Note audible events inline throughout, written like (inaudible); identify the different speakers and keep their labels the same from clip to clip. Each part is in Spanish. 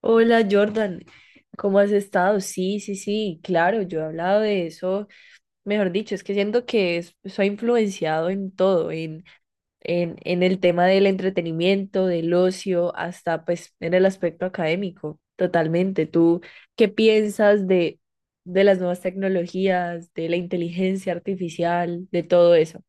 Speaker 1: Hola Jordan, ¿cómo has estado? Sí, sí, sí, claro, yo he hablado de eso, mejor dicho, es que siento que soy influenciado en todo, en el tema del entretenimiento, del ocio, hasta pues en el aspecto académico, totalmente. ¿Tú qué piensas de las nuevas tecnologías, de la inteligencia artificial, de todo eso?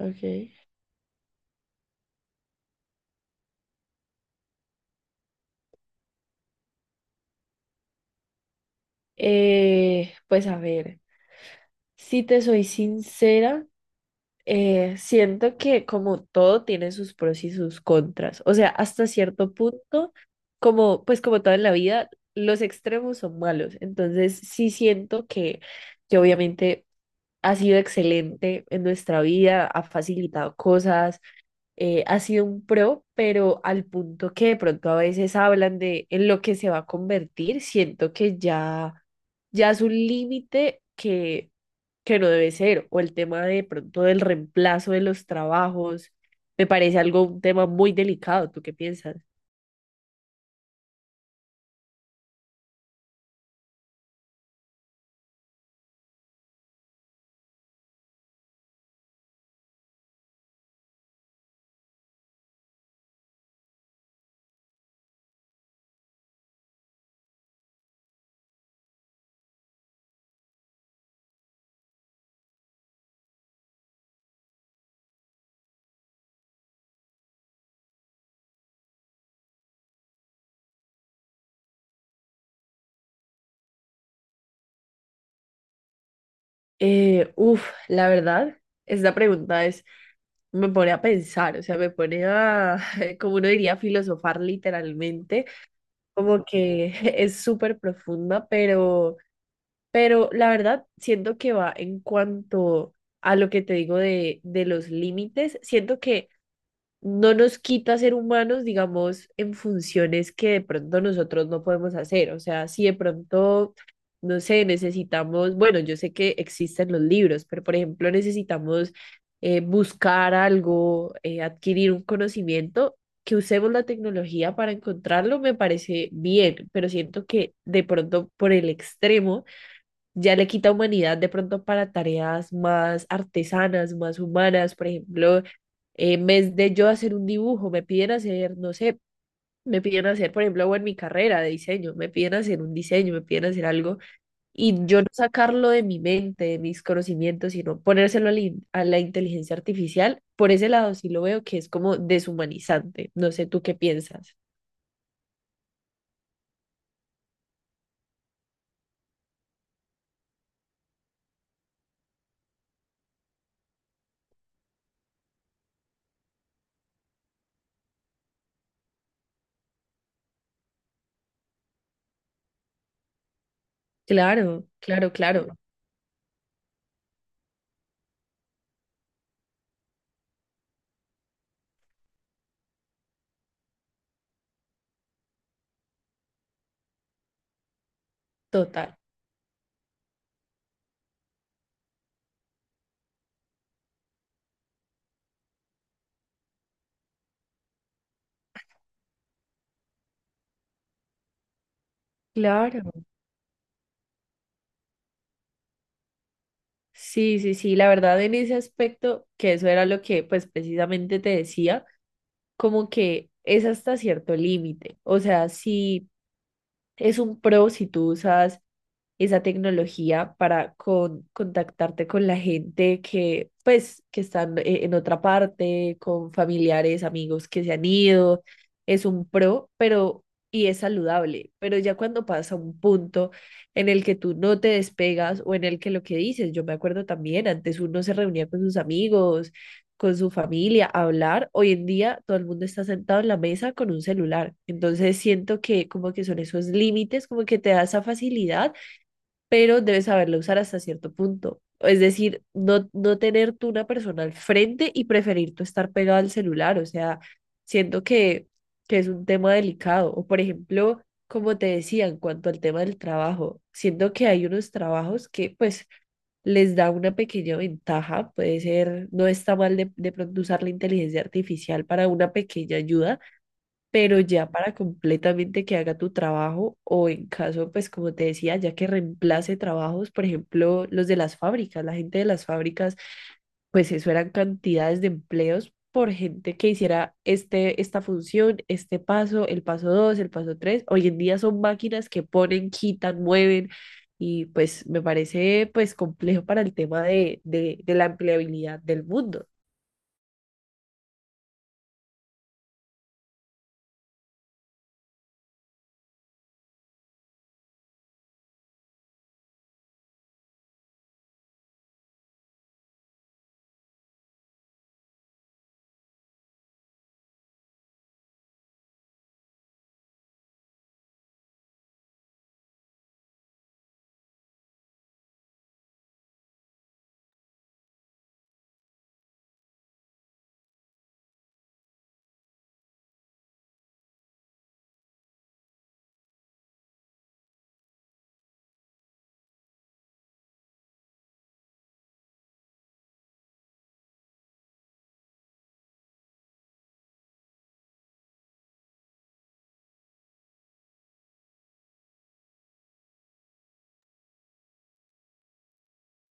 Speaker 1: Ok. Pues a ver, si te soy sincera. Siento que como todo tiene sus pros y sus contras. O sea, hasta cierto punto, como pues como todo en la vida, los extremos son malos. Entonces, sí siento que obviamente ha sido excelente en nuestra vida, ha facilitado cosas, ha sido un pro, pero al punto que de pronto a veces hablan de en lo que se va a convertir, siento que ya es un límite que no debe ser, o el tema de pronto del reemplazo de los trabajos, me parece algo, un tema muy delicado. ¿Tú qué piensas? Uf, la verdad, esta pregunta es, me pone a pensar, o sea, me pone a, (laughs) como uno diría, filosofar literalmente, como que (laughs) es súper profunda. Pero la verdad, siento que va en cuanto a lo que te digo de los límites, siento que no nos quita ser humanos, digamos, en funciones que de pronto nosotros no podemos hacer. O sea, si de pronto, no sé, necesitamos, bueno, yo sé que existen los libros, pero por ejemplo, necesitamos buscar algo, adquirir un conocimiento. Que usemos la tecnología para encontrarlo me parece bien, pero siento que de pronto por el extremo ya le quita humanidad de pronto para tareas más artesanas, más humanas. Por ejemplo, en vez de yo hacer un dibujo, me piden hacer, no sé, me piden hacer, por ejemplo, o en mi carrera de diseño, me piden hacer un diseño, me piden hacer algo, y yo no sacarlo de mi mente, de mis conocimientos, sino ponérselo a la inteligencia artificial. Por ese lado sí lo veo que es como deshumanizante. No sé, ¿tú qué piensas? Claro, claro, claro, total. Claro. Sí, sí, sí, la verdad en ese aspecto, que eso era lo que pues precisamente te decía, como que es hasta cierto límite. O sea, si es un pro si tú usas esa tecnología para contactarte con la gente pues, que están en otra parte, con familiares, amigos que se han ido. Es un pro, pero, y es saludable. Pero ya cuando pasa un punto en el que tú no te despegas o en el que lo que dices, yo me acuerdo también, antes uno se reunía con sus amigos, con su familia, a hablar. Hoy en día todo el mundo está sentado en la mesa con un celular. Entonces siento que como que son esos límites, como que te da esa facilidad, pero debes saberlo usar hasta cierto punto. Es decir, no, no tener tú una persona al frente y preferir tú estar pegado al celular. O sea, siento que es un tema delicado. O por ejemplo, como te decía, en cuanto al tema del trabajo, siento que hay unos trabajos que pues les da una pequeña ventaja, puede ser, no está mal de pronto usar la inteligencia artificial para una pequeña ayuda, pero ya para completamente que haga tu trabajo o en caso, pues como te decía, ya que reemplace trabajos, por ejemplo, los de las fábricas, la gente de las fábricas, pues eso eran cantidades de empleos por gente que hiciera este, esta función, este paso, el paso dos, el paso tres. Hoy en día son máquinas que ponen, quitan, mueven, y pues me parece pues complejo para el tema de la empleabilidad del mundo.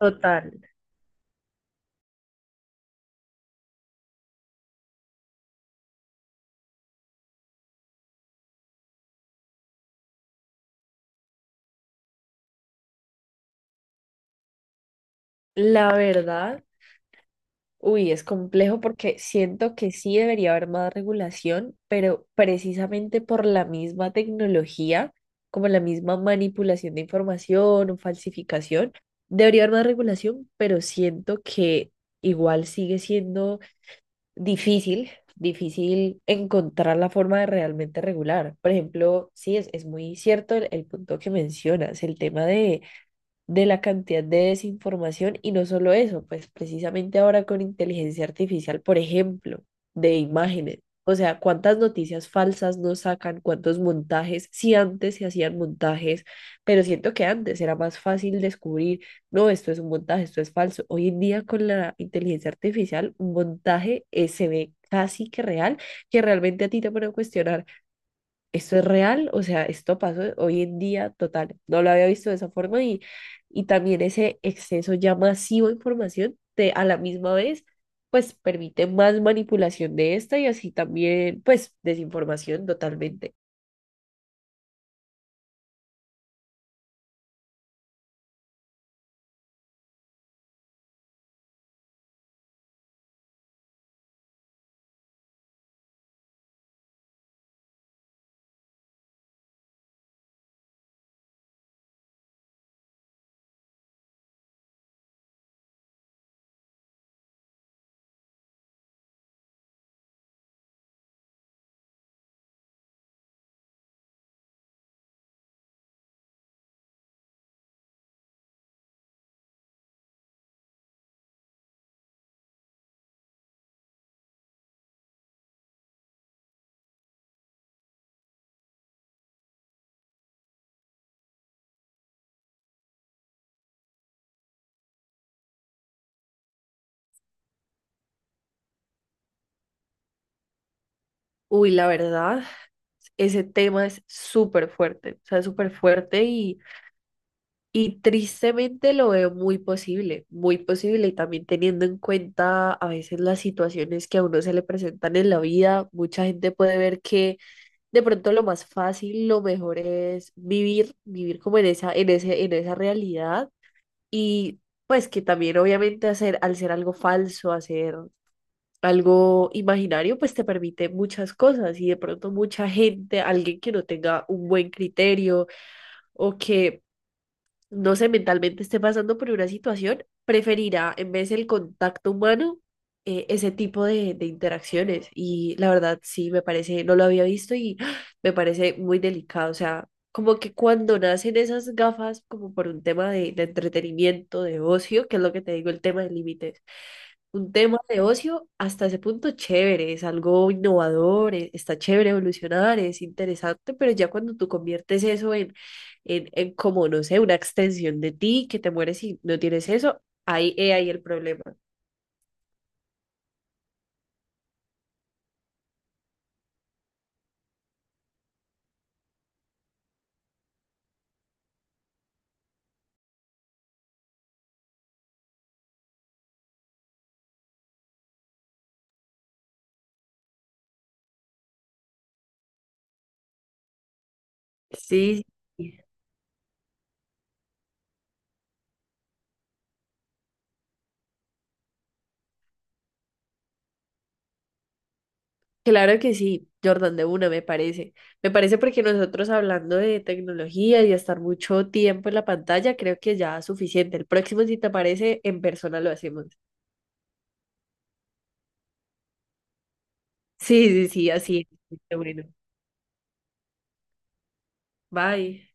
Speaker 1: Total. La verdad. Uy, es complejo porque siento que sí debería haber más regulación, pero precisamente por la misma tecnología, como la misma manipulación de información o falsificación, debería haber más regulación, pero siento que igual sigue siendo difícil, difícil encontrar la forma de realmente regular. Por ejemplo, sí, es muy cierto el punto que mencionas, el tema de la cantidad de desinformación, y no solo eso, pues precisamente ahora con inteligencia artificial, por ejemplo, de imágenes. O sea, cuántas noticias falsas nos sacan, cuántos montajes, si antes se hacían montajes, pero siento que antes era más fácil descubrir, no, esto es un montaje, esto es falso. Hoy en día con la inteligencia artificial, un montaje se ve casi que real, que realmente a ti te pone a cuestionar, esto es real, o sea, esto pasó hoy en día, total. No lo había visto de esa forma, y también ese exceso ya masivo de información te, a la misma vez, pues permite más manipulación de esta, y así también, pues, desinformación, totalmente. Uy, la verdad, ese tema es súper fuerte, o sea, súper fuerte. Y tristemente lo veo muy posible, y también teniendo en cuenta a veces las situaciones que a uno se le presentan en la vida, mucha gente puede ver que de pronto lo más fácil, lo mejor es vivir, vivir como en esa, en ese, en esa realidad, y pues que también obviamente hacer, al ser algo falso, hacer algo imaginario, pues te permite muchas cosas, y de pronto mucha gente, alguien que no tenga un buen criterio, o que no sé, mentalmente esté pasando por una situación, preferirá en vez del contacto humano ese tipo de interacciones. Y la verdad, sí, me parece, no lo había visto y (gasps) ¡ah! Me parece muy delicado. O sea, como que cuando nacen esas gafas, como por un tema de entretenimiento, de ocio, que es lo que te digo, el tema de límites, un tema de ocio hasta ese punto, chévere, es algo innovador, está chévere evolucionar, es interesante, pero ya cuando tú conviertes eso en como, no sé, una extensión de ti, que te mueres y no tienes eso, ahí, he ahí el problema. Sí, sí, claro que sí, Jordan, de una me parece. Me parece porque nosotros hablando de tecnología y de estar mucho tiempo en la pantalla, creo que ya es suficiente. El próximo, si te parece, en persona lo hacemos. Sí, sí, sí, así es. Bueno, bye.